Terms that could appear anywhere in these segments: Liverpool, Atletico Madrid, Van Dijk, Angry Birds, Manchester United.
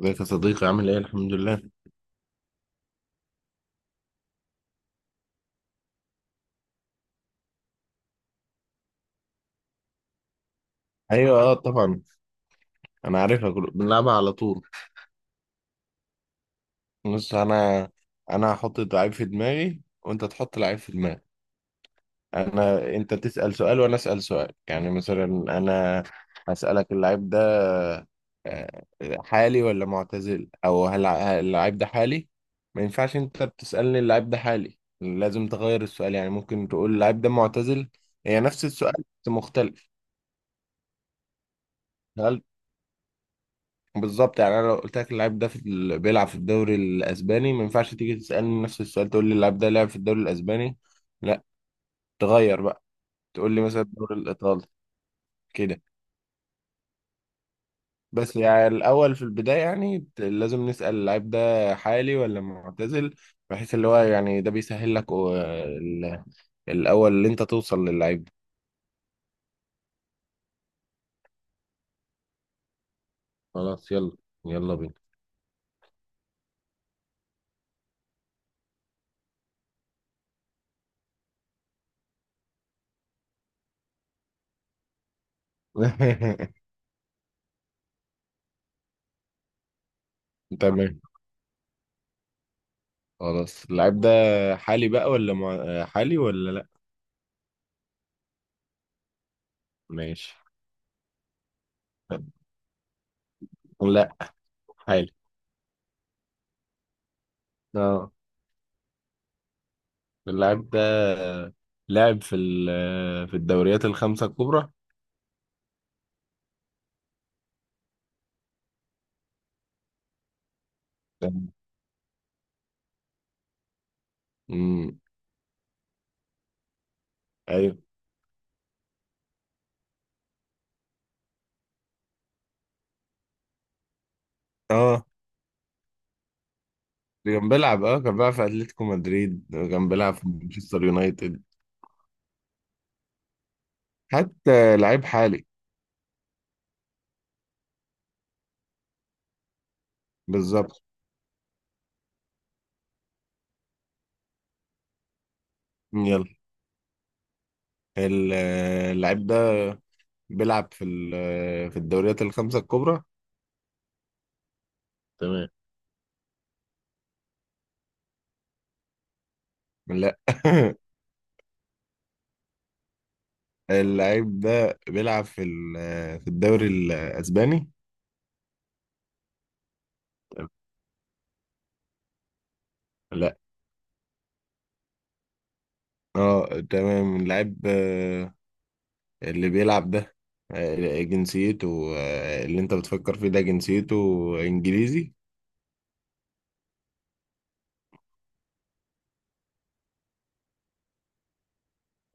ازيك يا صديقي، عامل ايه؟ الحمد لله. ايوه اه طبعا. انا عارفها. بنلعبها على طول. بص، انا هحط لعيب في دماغي وانت تحط لعيب في دماغك. انت تسأل سؤال وانا اسأل سؤال، يعني مثلا انا هسألك اللعيب ده، آه، حالي ولا معتزل، او هل اللعيب ده حالي. ما ينفعش انت بتسألني اللعيب ده حالي، لازم تغير السؤال. يعني ممكن تقول اللعيب ده معتزل. هي نفس السؤال بس مختلف. هل؟ بالظبط. يعني انا لو قلت لك اللاعب ده بيلعب في الدوري الاسباني، ما ينفعش تيجي تسالني نفس السؤال تقول لي اللاعب ده لعب في الدوري الاسباني. لا، تغير بقى، تقول لي مثلا الدوري الايطالي، كده. بس يعني الاول، في البدايه يعني، لازم نسال اللاعب ده حالي ولا معتزل، بحيث اللي هو يعني ده بيسهل لك، الاول اللي انت توصل للعيب ده. خلاص يلا، يلا بينا. تمام. خلاص، اللاعب ده حالي بقى ولا حالي ولا لا؟ ماشي. لا، حالي. اه. اللاعب ده لعب في الدوريات الخمسة الكبرى؟ امم ايوه. اه كان بيلعب في اتلتيكو مدريد، كان بيلعب في مانشستر يونايتد. حتى لعيب حالي. بالظبط. يلا. ال- اللعيب ده بيلعب في الدوريات الخمسة الكبرى؟ تمام. لا. اللعيب ده بيلعب في الدوري الاسباني؟ لا. اه تمام. اللعيب اللي بيلعب ده، جنسيته، اللي انت بتفكر فيه ده جنسيته انجليزي؟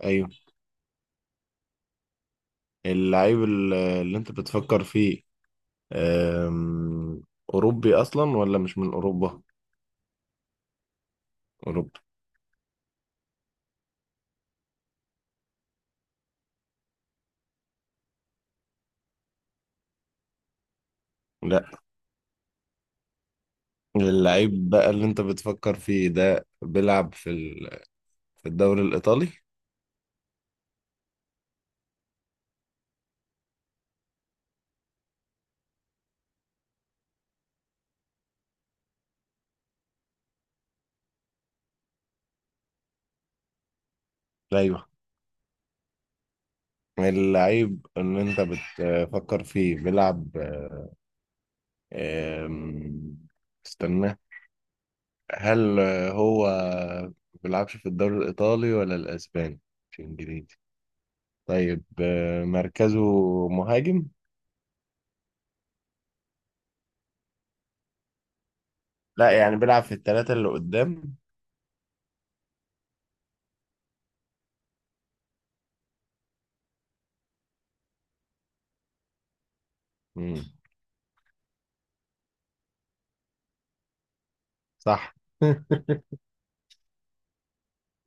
ايوه. اللعيب اللي انت بتفكر فيه، آم، اوروبي اصلا ولا مش من اوروبا؟ اوروبي. لا. اللعيب بقى اللي انت بتفكر فيه ده بيلعب في الدوري الايطالي؟ ايوه. اللعيب اللي انت بتفكر فيه بيلعب، آم، استنى. هل هو ما بيلعبش في الدوري الإيطالي ولا الأسباني؟ مش إنجليزي؟ طيب مركزه مهاجم؟ لا، يعني بيلعب في الثلاثة اللي قدام. مم. صح.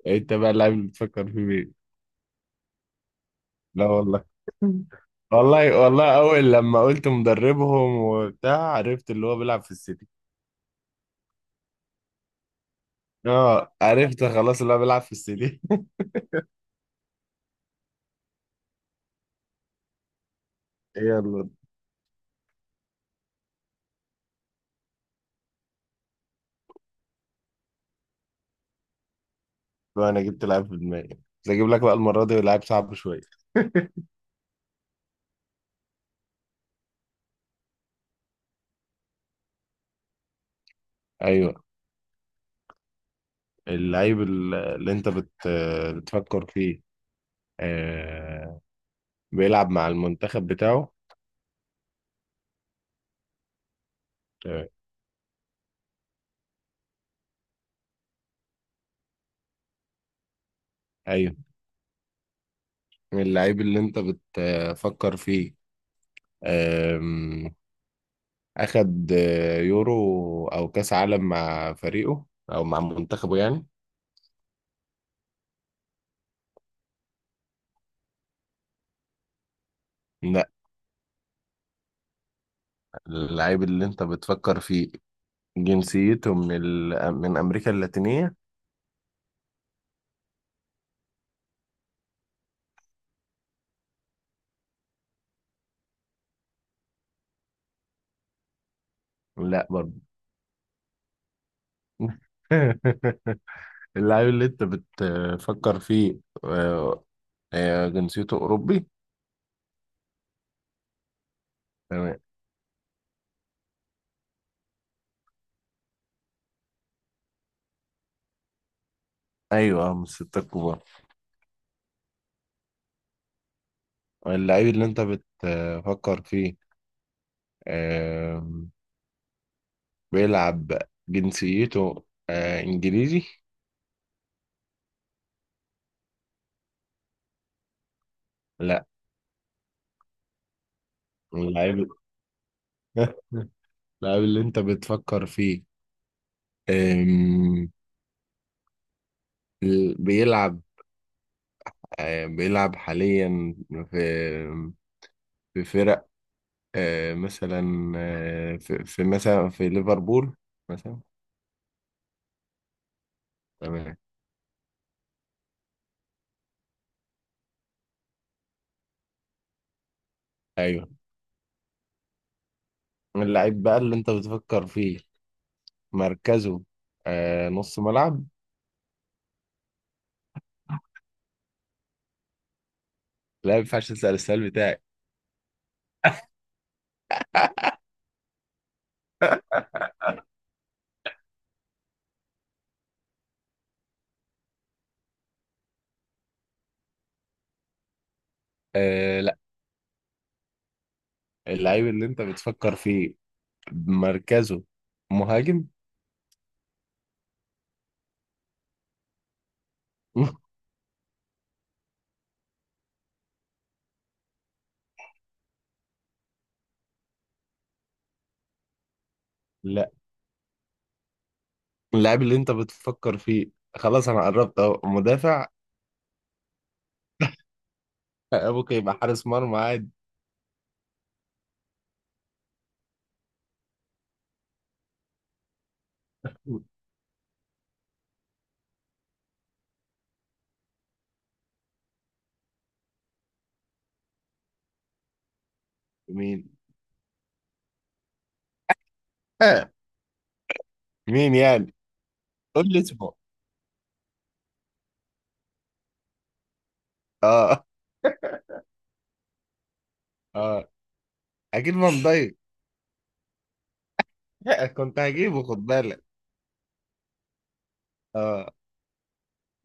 انت بقى اللاعب اللي بتفكر فيه مين؟ لا والله. والله والله، أول لما قلت مدربهم وبتاع عرفت اللي هو بيلعب في السيتي. اه عرفت خلاص، اللي هو بيلعب في السيتي. يلا. بقى انا جبت لاعب في دماغي، بس اجيب لك بقى المرة دي لاعب صعب شوية. ايوه. اللعيب اللي انت بت بتفكر فيه، آه، بيلعب مع المنتخب بتاعه؟ آه، ايوه. اللعيب اللي انت بتفكر فيه، آم، اخد يورو او كاس عالم مع فريقه، او مع منتخبه يعني؟ لا. اللعيب اللي انت بتفكر فيه جنسيته من امريكا اللاتينية؟ لا برضه. اللعيب اللي انت بتفكر فيه، جنسيته اوروبي؟ تمام. ايوه، من الستة الكبار. اللعيب اللي انت بتفكر فيه، آم، بيلعب، جنسيته انجليزي؟ لا. اللعيب، اللعيب اللي انت بتفكر فيه، آم، بيلعب، بيلعب حاليا في فرق، مثلا، في مثلا في ليفربول مثلا؟ تمام. ايوه. اللعيب بقى اللي انت بتفكر فيه مركزه، نص ملعب؟ لا ما ينفعش تسأل السؤال بتاعي. آه لا. اللعيب اللي انت بتفكر فيه مركزه مهاجم؟ لا. اللاعب اللي انت بتفكر فيه، خلاص انا قربت اهو، مدافع؟ ممكن يبقى حارس مرمى عادي. مين؟ آه، مين يعني؟ قول لي اسمه. اه. اه اكيد فان دايك. كنت هجيبه، خد بالك. اه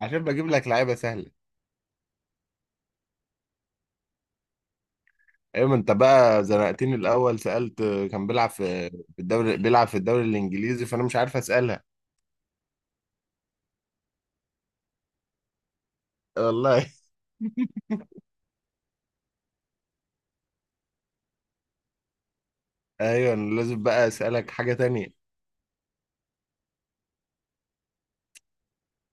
عشان بجيب لك لعيبه سهله. ايوه ما انت بقى زنقتني. الاول سالت كان بيلعب في، في الدوري، بيلعب في الدوري الانجليزي، فانا مش عارف اسالها. والله. ايوه لازم بقى اسالك حاجه تانية.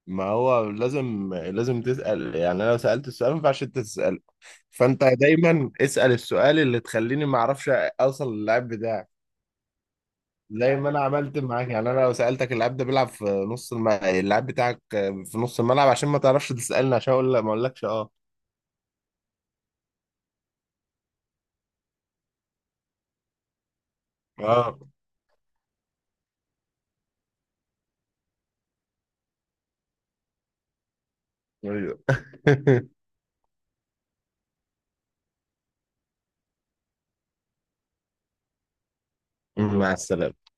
ما هو لازم، تسال. يعني انا لو سالت السؤال ما ينفعش انت تساله، فانت دايما اسال السؤال اللي تخليني ما اعرفش اوصل للاعب بتاعك. زي ما انا عملت معاك. يعني انا لو سالتك اللاعب ده بيلعب في اللاعب بتاعك في نص الملعب، عشان ما تعرفش تسالني، عشان اقول لا ما اقولكش. اه. اه. ايوه. مع السلامه.